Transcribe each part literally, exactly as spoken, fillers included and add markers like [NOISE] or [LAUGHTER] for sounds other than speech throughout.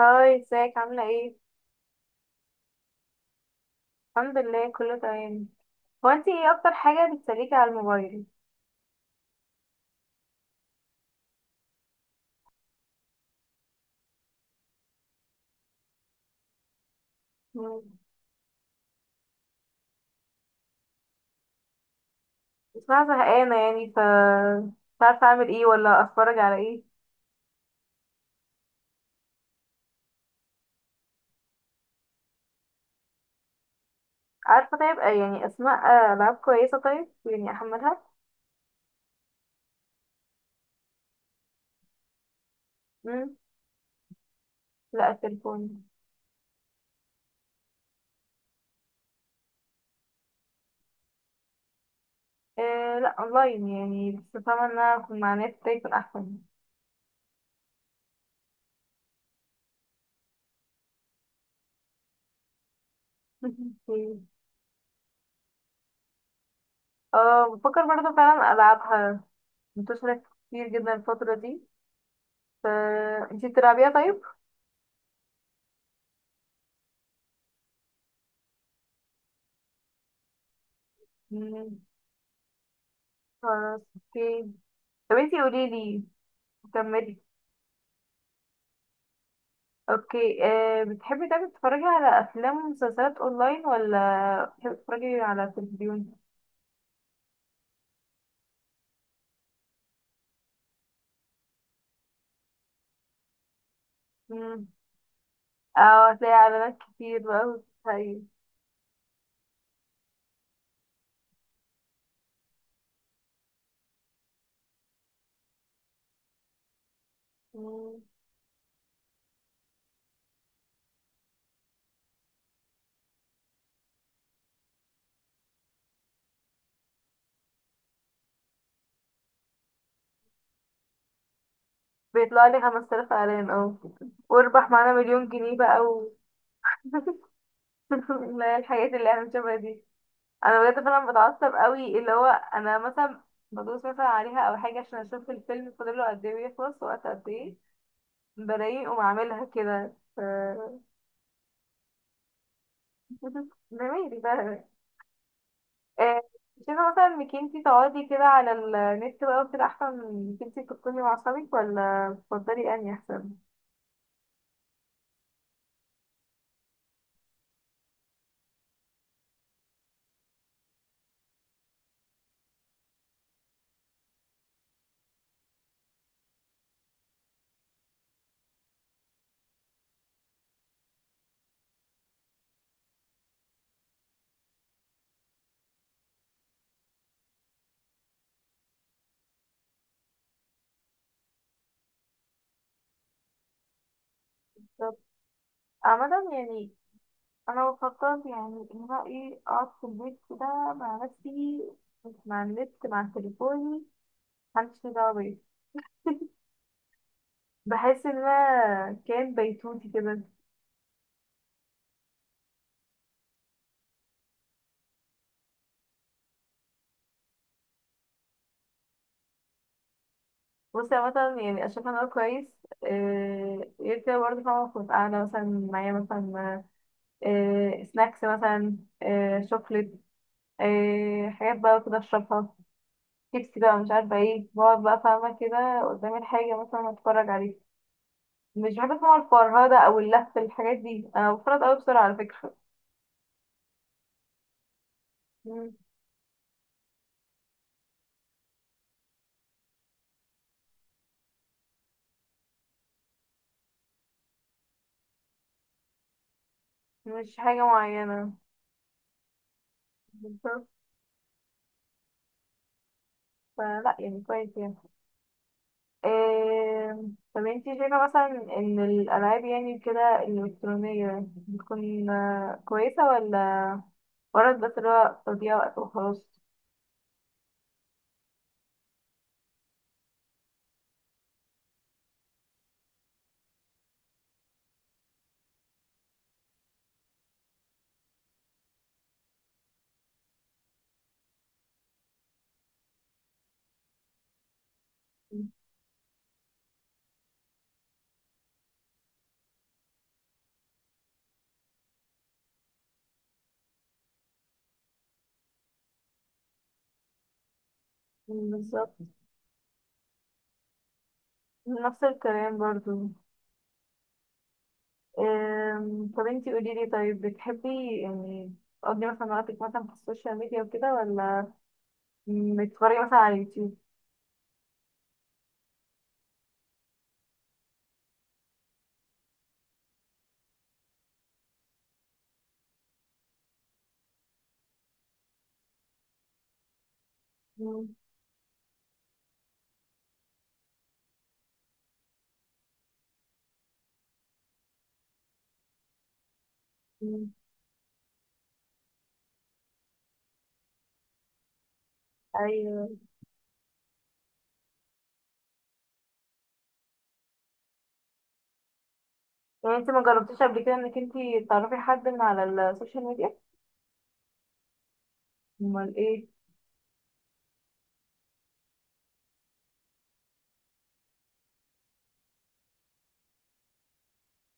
هاي، ازيك؟ عاملة ايه؟ الحمد لله، كله تمام. هو انتي ايه اكتر حاجة بتسليكي على الموبايل؟ مم. بسمعها زهقانة يعني، ف مش عارفة اعمل ايه ولا اتفرج على ايه. عارفة طيب، آه، يعني اسماء، آه، العاب كويسة، طيب يعني احملها؟ مم. لا، التليفون. آه لا، اونلاين يعني، بس فاهمة ان انا اكون مع ناس كده يكون احسن. [LAUGHS] مم. اه بفكر برضه فعلا العبها، منتشرة كتير جدا الفترة دي، ف انتي بتلعبيها طيب؟ مم. خلاص، اوكي. طب انتي قوليلي، كملي. اوكي، أه بتحبي دايما تتفرجي على افلام ومسلسلات اونلاين ولا بتحبي تتفرجي على التلفزيون؟ مم. اه هتلاقي اعلانات كتير بقى وتتهيأ. مم. بيطلع لي خمسة آلاف اعلان، اه، واربح معانا مليون جنيه بقى و... [LAUGHS] لا، الحاجات اللي احنا بنشوفها دي، انا بجد فعلا بتعصب قوي، اللي هو انا مثلا بدوس مثلا عليها او حاجه عشان اشوف الفيلم فاضله قد ايه، ويخلص وقت قد ايه، بلاقيه اقوم عاملها كده. جميل ده. آه، شايفة مثلا انك انتي تقعدي كده على النت بقى وكده احسن من انك انتي تكوني مع اصحابك، ولا تفضلي انهي احسن؟ طب عامة يعني، انا بفكر يعني ان انا ايه اقعد في البيت كده مع نفسي، مش مع النت، مع تليفوني، محدش ليه دعوة بيا، بحس ان انا كان بيتوتي كده. بصي عامة مثلا، يعني اشوف ان انا كويس. آه، غير كده برضه فاهمة، كنت قاعدة مثلا معايا مثلا آه، سناكس مثلا، آه، شوكليت، آه، حاجات بقى كده اشربها، شيبسي بقى، مش عارفه ايه، بقعد بقى فاهمه كده قدامي الحاجه مثلا اتفرج عليها. مش بحب اسمع الفرهده او اللف، الحاجات دي انا بفرط قوي بسرعه على فكره. مم. مش حاجه معينه. بالظبط، فلا يعني كويس يعني. آه، طب انتي شايفه مثلا ان الالعاب يعني كده الالكترونيه بتكون آه، كويسه، ولا مجرد بس اللي هو تضييع وقت وخلاص؟ مم، بالظبط. نفس الكلام برضو. أم، طب انتي قولي لي، طيب بتحبي يعني تقضي مثلا وقتك مثلا في السوشيال ميديا وكده، ولا بتتفرجي مثلا على اليوتيوب؟ مم. مم. ايوه. يعني انتي ما جربتيش قبل كده انك انتي تعرفي حد من على السوشيال ميديا؟ امال ايه.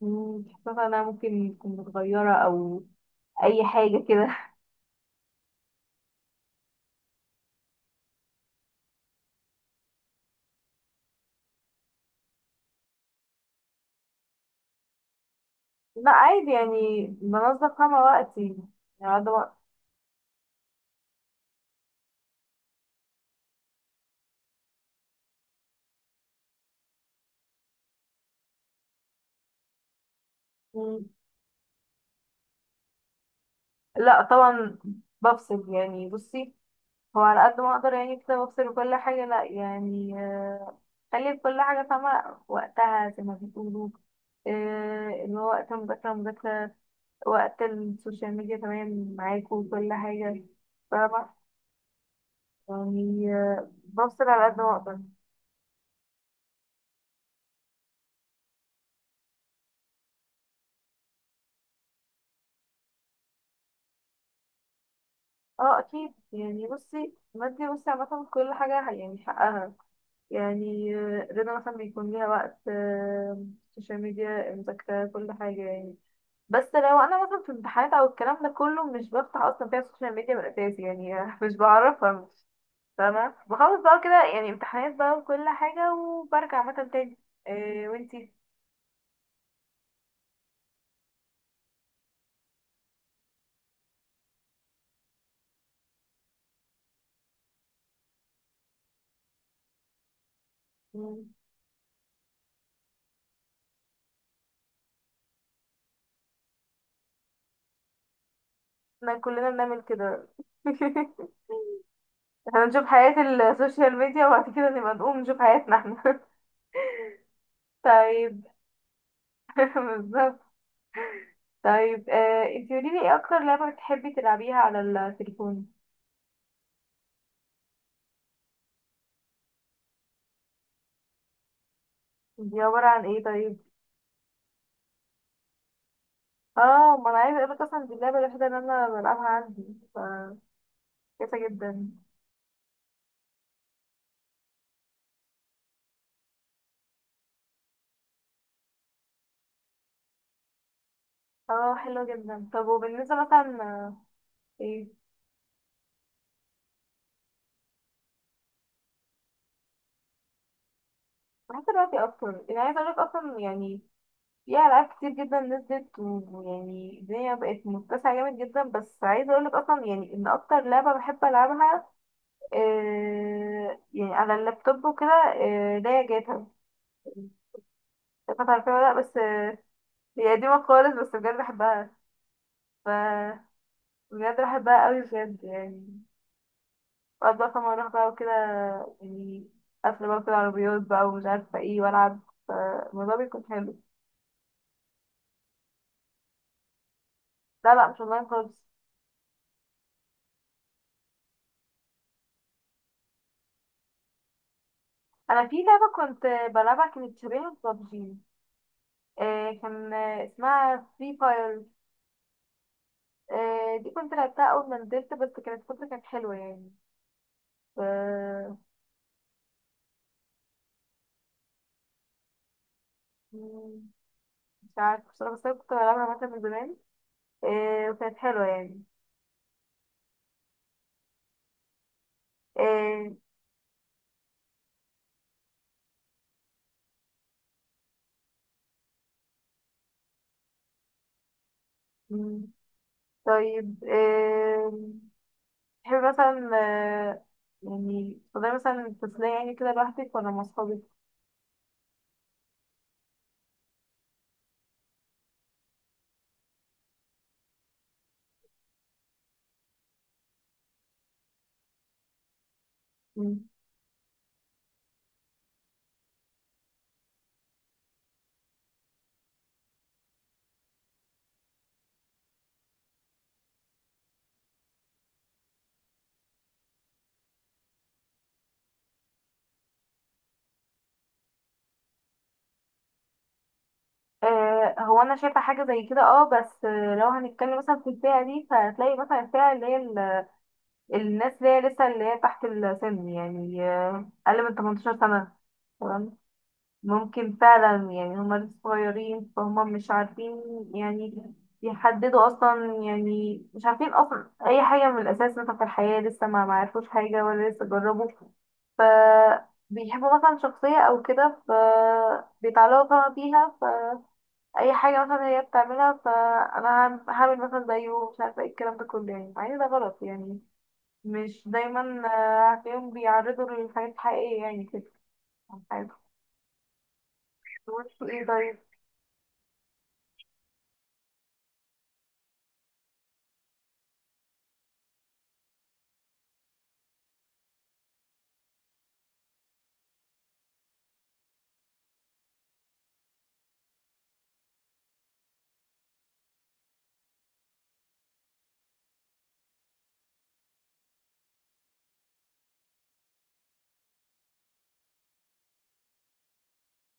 مم، بتحسي مثلا انها ممكن تكون متغيرة او اي حاجة كده؟ [LAUGHS] لا عادي يعني، بنظم فاهمة وقتي يعني، قاعدة وقت. مم. لا طبعا. بفصل يعني، بصي، هو على قد ما اقدر يعني كده بفصل كل حاجة، لا يعني، آه، خلي كل حاجة فاهمة وقتها زي ما بيقولوا، آه، اللي هو وقت المذاكرة مذاكرة، وقت السوشيال ميديا تمام، معاكوا وكل حاجة، فاهمة؟ يعني آه، بفصل على قد ما اقدر. اه اكيد يعني، بصي، بدي بصي عامة كل حاجة يعني حقها، يعني آه، رضا مثلا بيكون ليها وقت، آه، السوشيال ميديا، المذاكرة، كل حاجة يعني. بس لو انا مثلا في امتحانات او الكلام ده كله، مش بفتح اصلا فيها السوشيال ميديا من الاساس يعني، [LAUGHS] مش بعرفها، مش فاهمه، بخلص بقى كده يعني امتحانات بقى وكل حاجه، وبرجع مثلا تاني. إيه وانتي؟ مم. احنا كلنا بنعمل كده. [LAUGHS] احنا نشوف حياة السوشيال ميديا، وبعد كده نبقى نقوم نشوف حياتنا احنا. [LAUGHS] طيب. [LAUGHS] بالظبط. طيب، آه انتي قوليلي، ايه اكتر لعبة بتحبي تلعبيها على التليفون؟ دي عبارة عن ايه طيب؟ اه ما انا عايزه اقولك، اصلا دي اللعبه الوحيده اللي انا بلعبها عندي، ف كويسه جدا. اه حلوه جدا. طب وبالنسبه مثلا، ايه، بحس دلوقتي اكتر يعني، عايزه اقولك اصلا يعني، في العاب كتير جدا نزلت، و- ويعني الدنيا بقت متسعه جامد جدا، بس عايزه اقولك اصلا يعني ان اكتر لعبه بحب العبها آه يعني على اللابتوب وكده، آه اللي هي جاتا. جاتا، عارفاها ولا لا؟ بس آه هي قديمه خالص، بس بجد بحبها، ف بجد بحبها قوي بجد يعني. وقعد بقى فاهمة اروح بقى وكده يعني، قافلة بقى في العربيات بقى ومش عارفة ايه، والعب، فالموضوع بيكون حلو. لا لا، مش اونلاين خالص. انا في لعبة كنت بلعبها، كانت شبيهة ببجي، آه، كان آه، اسمها فري فاير. آه دي كنت لعبتها اول ما نزلت، بس كانت فترة كانت حلوة يعني. ف مم، مش عارفة بصراحة، بس انا كنت بلعبها مثلا من زمان، آه وكانت حلوة يعني. آه مم، طيب. آه تحبي مثلا، آه، يعني تفضلي مثلا تفصلي يعني كده لوحدك ولا مع صحابك؟ مم. آه، هو انا شايفه حاجه زي كده اه، بس آه، لو هنتكلم مثلا في الفئه دي، فهتلاقي مثلا الفئه اللي هي ال- الناس اللي هي لسه، اللي هي تحت السن يعني، آه، اقل من تمنتاشر سنه، ممكن فعلا يعني، هما لسه صغيرين، فهما مش عارفين يعني يحددوا اصلا يعني، مش عارفين اصلا اي حاجه من الاساس، مثلا في الحياه لسه ما معرفوش حاجه ولا لسه جربوا، ف بيحبوا مثلا شخصيه او كده، ف بيتعلقوا طبعا بيها، فاي حاجه مثلا هي بتعملها، فانا هعم- هعمل مثلا زيه، مش عارفه ايه الكلام ده كله يعني، مع ان ده غلط يعني، مش دايما. آه، هتلاقيهم بيعرضوا للحاجات الحقيقيه يعني كده عن حياتهم. طب وانتوا ايه طيب؟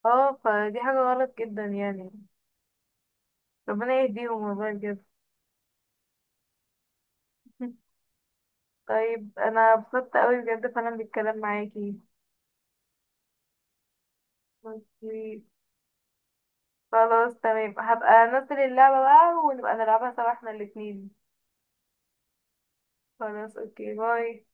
اه فدي حاجة غلط جدا يعني. ربنا يهديهم والله بجد. [LAUGHS] طيب انا اتبسطت قوي بجد فعلا بالكلام معاكي. ماشي. خلاص تمام، هبقى انزل اللعبة بقى ونبقى نلعبها سوا احنا الاتنين. خلاص اوكي، باي.